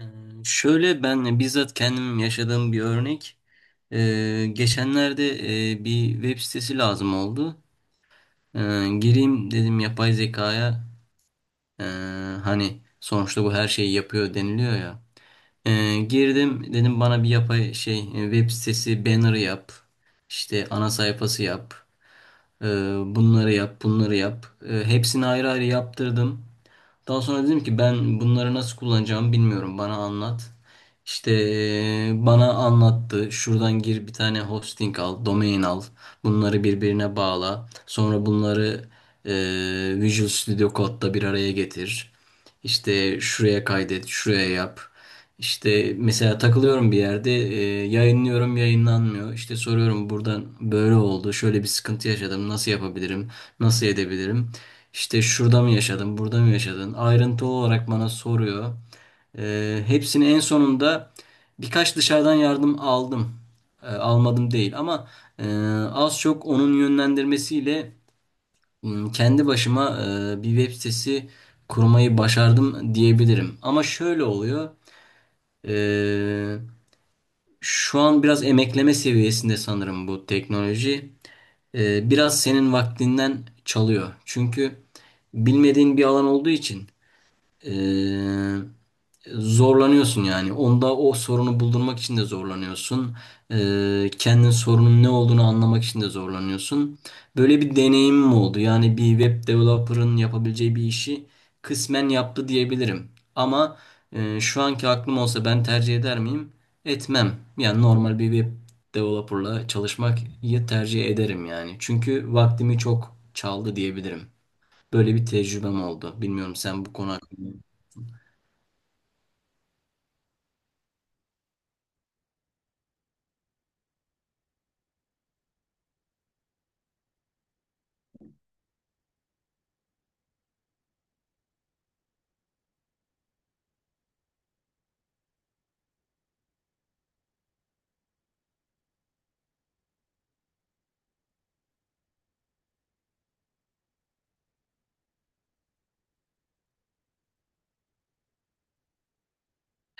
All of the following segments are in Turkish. Ee, Şöyle ben bizzat kendim yaşadığım bir örnek. Geçenlerde bir web sitesi lazım oldu. Gireyim dedim yapay zekaya. Ee, Hani sonuçta bu her şeyi yapıyor deniliyor ya. Girdim dedim bana bir yapay şey, web sitesi banner yap. İşte ana sayfası yap. Ee, Bunları yap, bunları yap. Hepsini ayrı ayrı yaptırdım. Daha sonra dedim ki ben bunları nasıl kullanacağımı bilmiyorum. Bana anlat. İşte bana anlattı. Şuradan gir, bir tane hosting al, domain al. Bunları birbirine bağla. Sonra bunları Visual Studio Code'da bir araya getir. İşte şuraya kaydet, şuraya yap. İşte mesela takılıyorum bir yerde, yayınlıyorum, yayınlanmıyor. İşte soruyorum, buradan böyle oldu, şöyle bir sıkıntı yaşadım, nasıl yapabilirim, nasıl edebilirim? İşte şurada mı yaşadın, burada mı yaşadın? Ayrıntılı olarak bana soruyor. Hepsini en sonunda birkaç dışarıdan yardım aldım. Almadım değil ama e, az çok onun yönlendirmesiyle kendi başıma bir web sitesi kurmayı başardım diyebilirim. Ama şöyle oluyor. e, Şu an biraz emekleme seviyesinde sanırım bu teknoloji. Biraz senin vaktinden çalıyor. Çünkü bilmediğin bir alan olduğu için ee, zorlanıyorsun yani. Onda o sorunu buldurmak için de zorlanıyorsun. Kendin sorunun ne olduğunu anlamak için de zorlanıyorsun. Böyle bir deneyimim oldu. Yani bir web developer'ın yapabileceği bir işi kısmen yaptı diyebilirim. Ama şu anki aklım olsa ben tercih eder miyim? Etmem. Yani normal bir web developer'la çalışmayı tercih ederim yani. Çünkü vaktimi çok çaldı diyebilirim. Böyle bir tecrübem oldu. Bilmiyorum sen bu konu hakkında.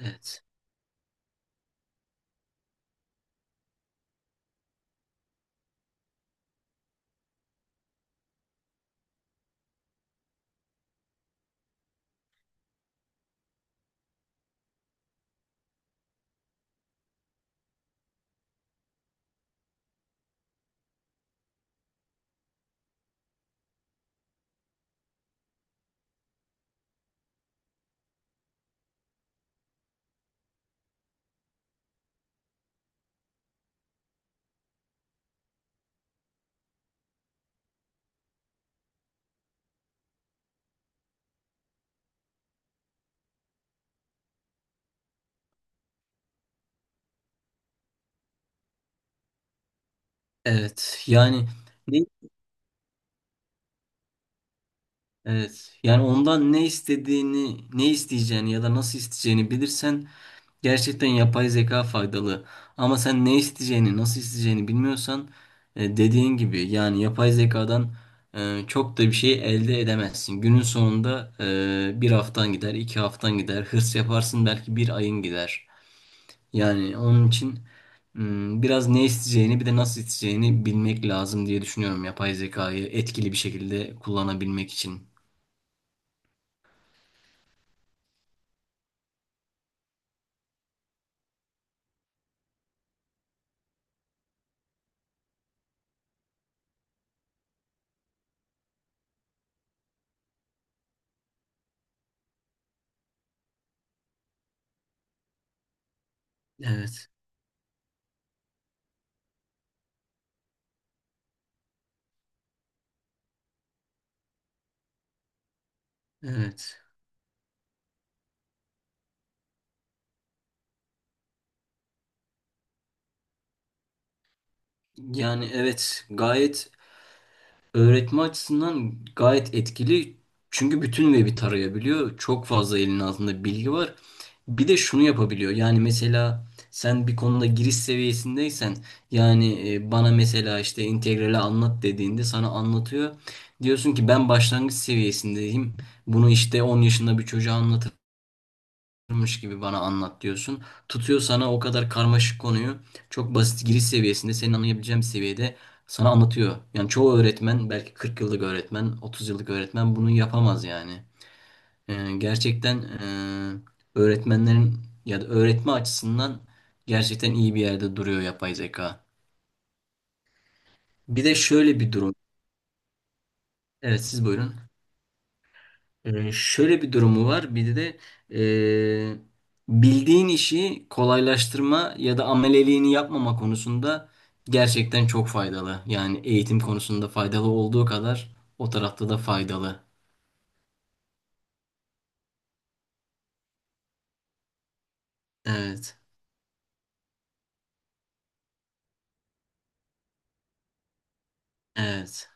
Evet. Evet. Yani ne evet. Yani ondan ne istediğini, ne isteyeceğini ya da nasıl isteyeceğini bilirsen gerçekten yapay zeka faydalı. Ama sen ne isteyeceğini, nasıl isteyeceğini bilmiyorsan dediğin gibi yani yapay zekadan çok da bir şey elde edemezsin. Günün sonunda bir haftan gider, iki haftan gider, hırs yaparsın belki bir ayın gider. Yani onun için biraz ne isteyeceğini bir de nasıl isteyeceğini bilmek lazım diye düşünüyorum yapay zekayı etkili bir şekilde kullanabilmek için. Evet, evet. Yani evet, gayet. Öğretme açısından gayet etkili. Çünkü bütün web'i tarayabiliyor. Çok fazla elinin altında bilgi var. Bir de şunu yapabiliyor. Yani mesela sen bir konuda giriş seviyesindeysen yani, bana mesela işte integrali anlat dediğinde sana anlatıyor. Diyorsun ki ben başlangıç seviyesindeyim. Bunu işte 10 yaşında bir çocuğa anlatırım varmış gibi bana anlat diyorsun. Tutuyor sana o kadar karmaşık konuyu çok basit giriş seviyesinde senin anlayabileceğin bir seviyede sana anlatıyor. Yani çoğu öğretmen belki 40 yıllık öğretmen, 30 yıllık öğretmen bunu yapamaz yani. Gerçekten öğretmenlerin ya da öğretme açısından gerçekten iyi bir yerde duruyor yapay zeka. Bir de şöyle bir durum. Evet siz buyurun. Şöyle bir durumu var. Bir de e, bildiğin işi kolaylaştırma ya da ameleliğini yapmama konusunda gerçekten çok faydalı. Yani eğitim konusunda faydalı olduğu kadar o tarafta da faydalı. Evet, evet,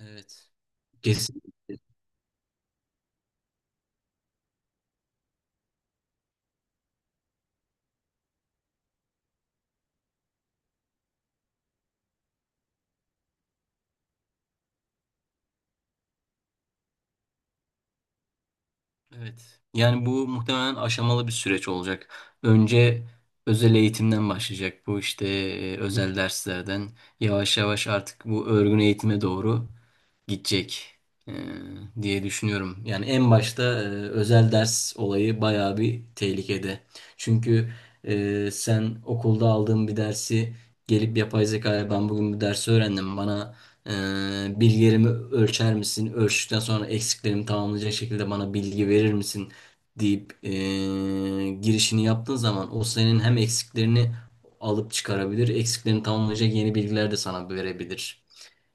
evet. Kesin, evet. Yani bu muhtemelen aşamalı bir süreç olacak. Önce özel eğitimden başlayacak, bu işte özel derslerden yavaş yavaş artık bu örgün eğitime doğru gidecek e, diye düşünüyorum. Yani en başta özel ders olayı bayağı bir tehlikede. Çünkü sen okulda aldığın bir dersi gelip yapay zekaya, ben bugün bu dersi öğrendim, bana bilgilerimi ölçer misin? Ölçtükten sonra eksiklerimi tamamlayacak şekilde bana bilgi verir misin? Deyip girişini yaptığın zaman o senin hem eksiklerini alıp çıkarabilir, eksiklerini tamamlayacak yeni bilgiler de sana verebilir.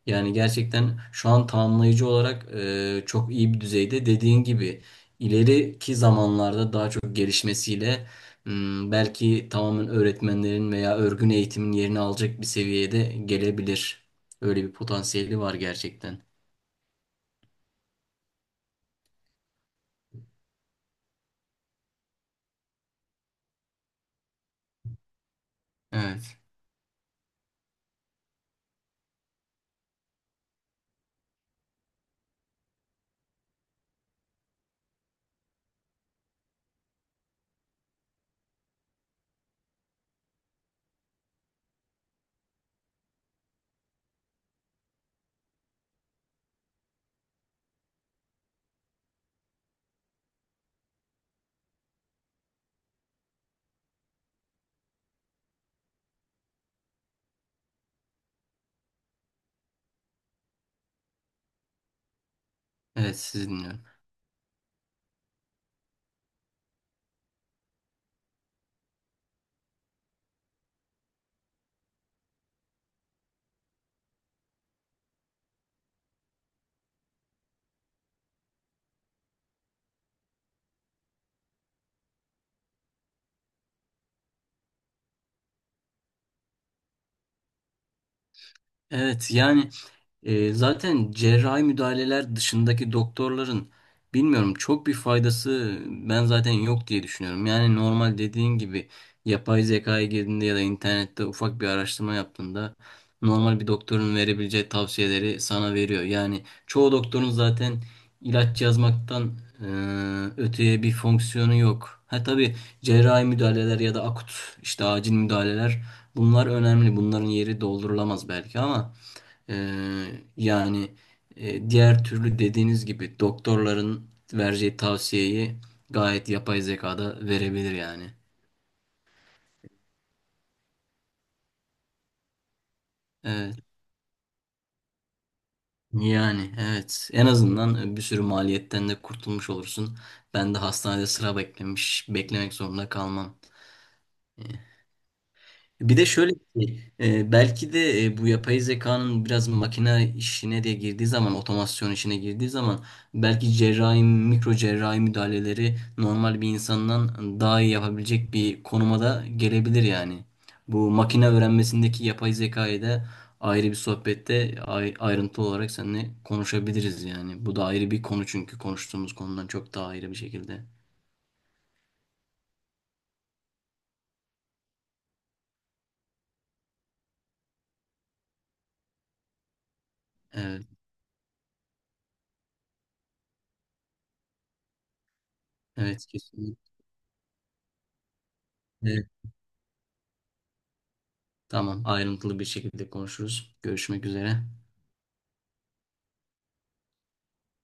Yani gerçekten şu an tamamlayıcı olarak çok iyi bir düzeyde. Dediğin gibi ileriki zamanlarda daha çok gelişmesiyle belki tamamen öğretmenlerin veya örgün eğitimin yerini alacak bir seviyede gelebilir. Öyle bir potansiyeli var gerçekten. Evet. Evet sizi dinliyorum. Evet, yani. Zaten cerrahi müdahaleler dışındaki doktorların bilmiyorum çok bir faydası ben zaten yok diye düşünüyorum. Yani normal dediğin gibi yapay zekaya girdiğinde ya da internette ufak bir araştırma yaptığında normal bir doktorun verebileceği tavsiyeleri sana veriyor. Yani çoğu doktorun zaten ilaç yazmaktan öteye bir fonksiyonu yok. Ha tabii cerrahi müdahaleler ya da akut işte acil müdahaleler bunlar önemli. Bunların yeri doldurulamaz belki ama yani diğer türlü dediğiniz gibi doktorların vereceği tavsiyeyi gayet yapay zekada verebilir yani. Evet. Yani evet, en azından bir sürü maliyetten de kurtulmuş olursun. Ben de hastanede sıra beklemek zorunda kalmam. Bir de şöyle bir şey, belki de bu yapay zekanın biraz makine işine de girdiği zaman, otomasyon işine girdiği zaman belki cerrahi, mikro cerrahi müdahaleleri normal bir insandan daha iyi yapabilecek bir konuma da gelebilir yani. Bu makine öğrenmesindeki yapay zekayı da ayrı bir sohbette ayrıntılı olarak seninle konuşabiliriz yani. Bu da ayrı bir konu çünkü konuştuğumuz konudan çok daha ayrı bir şekilde. Evet, evet, kesinlikle. Tamam, ayrıntılı bir şekilde konuşuruz. Görüşmek üzere.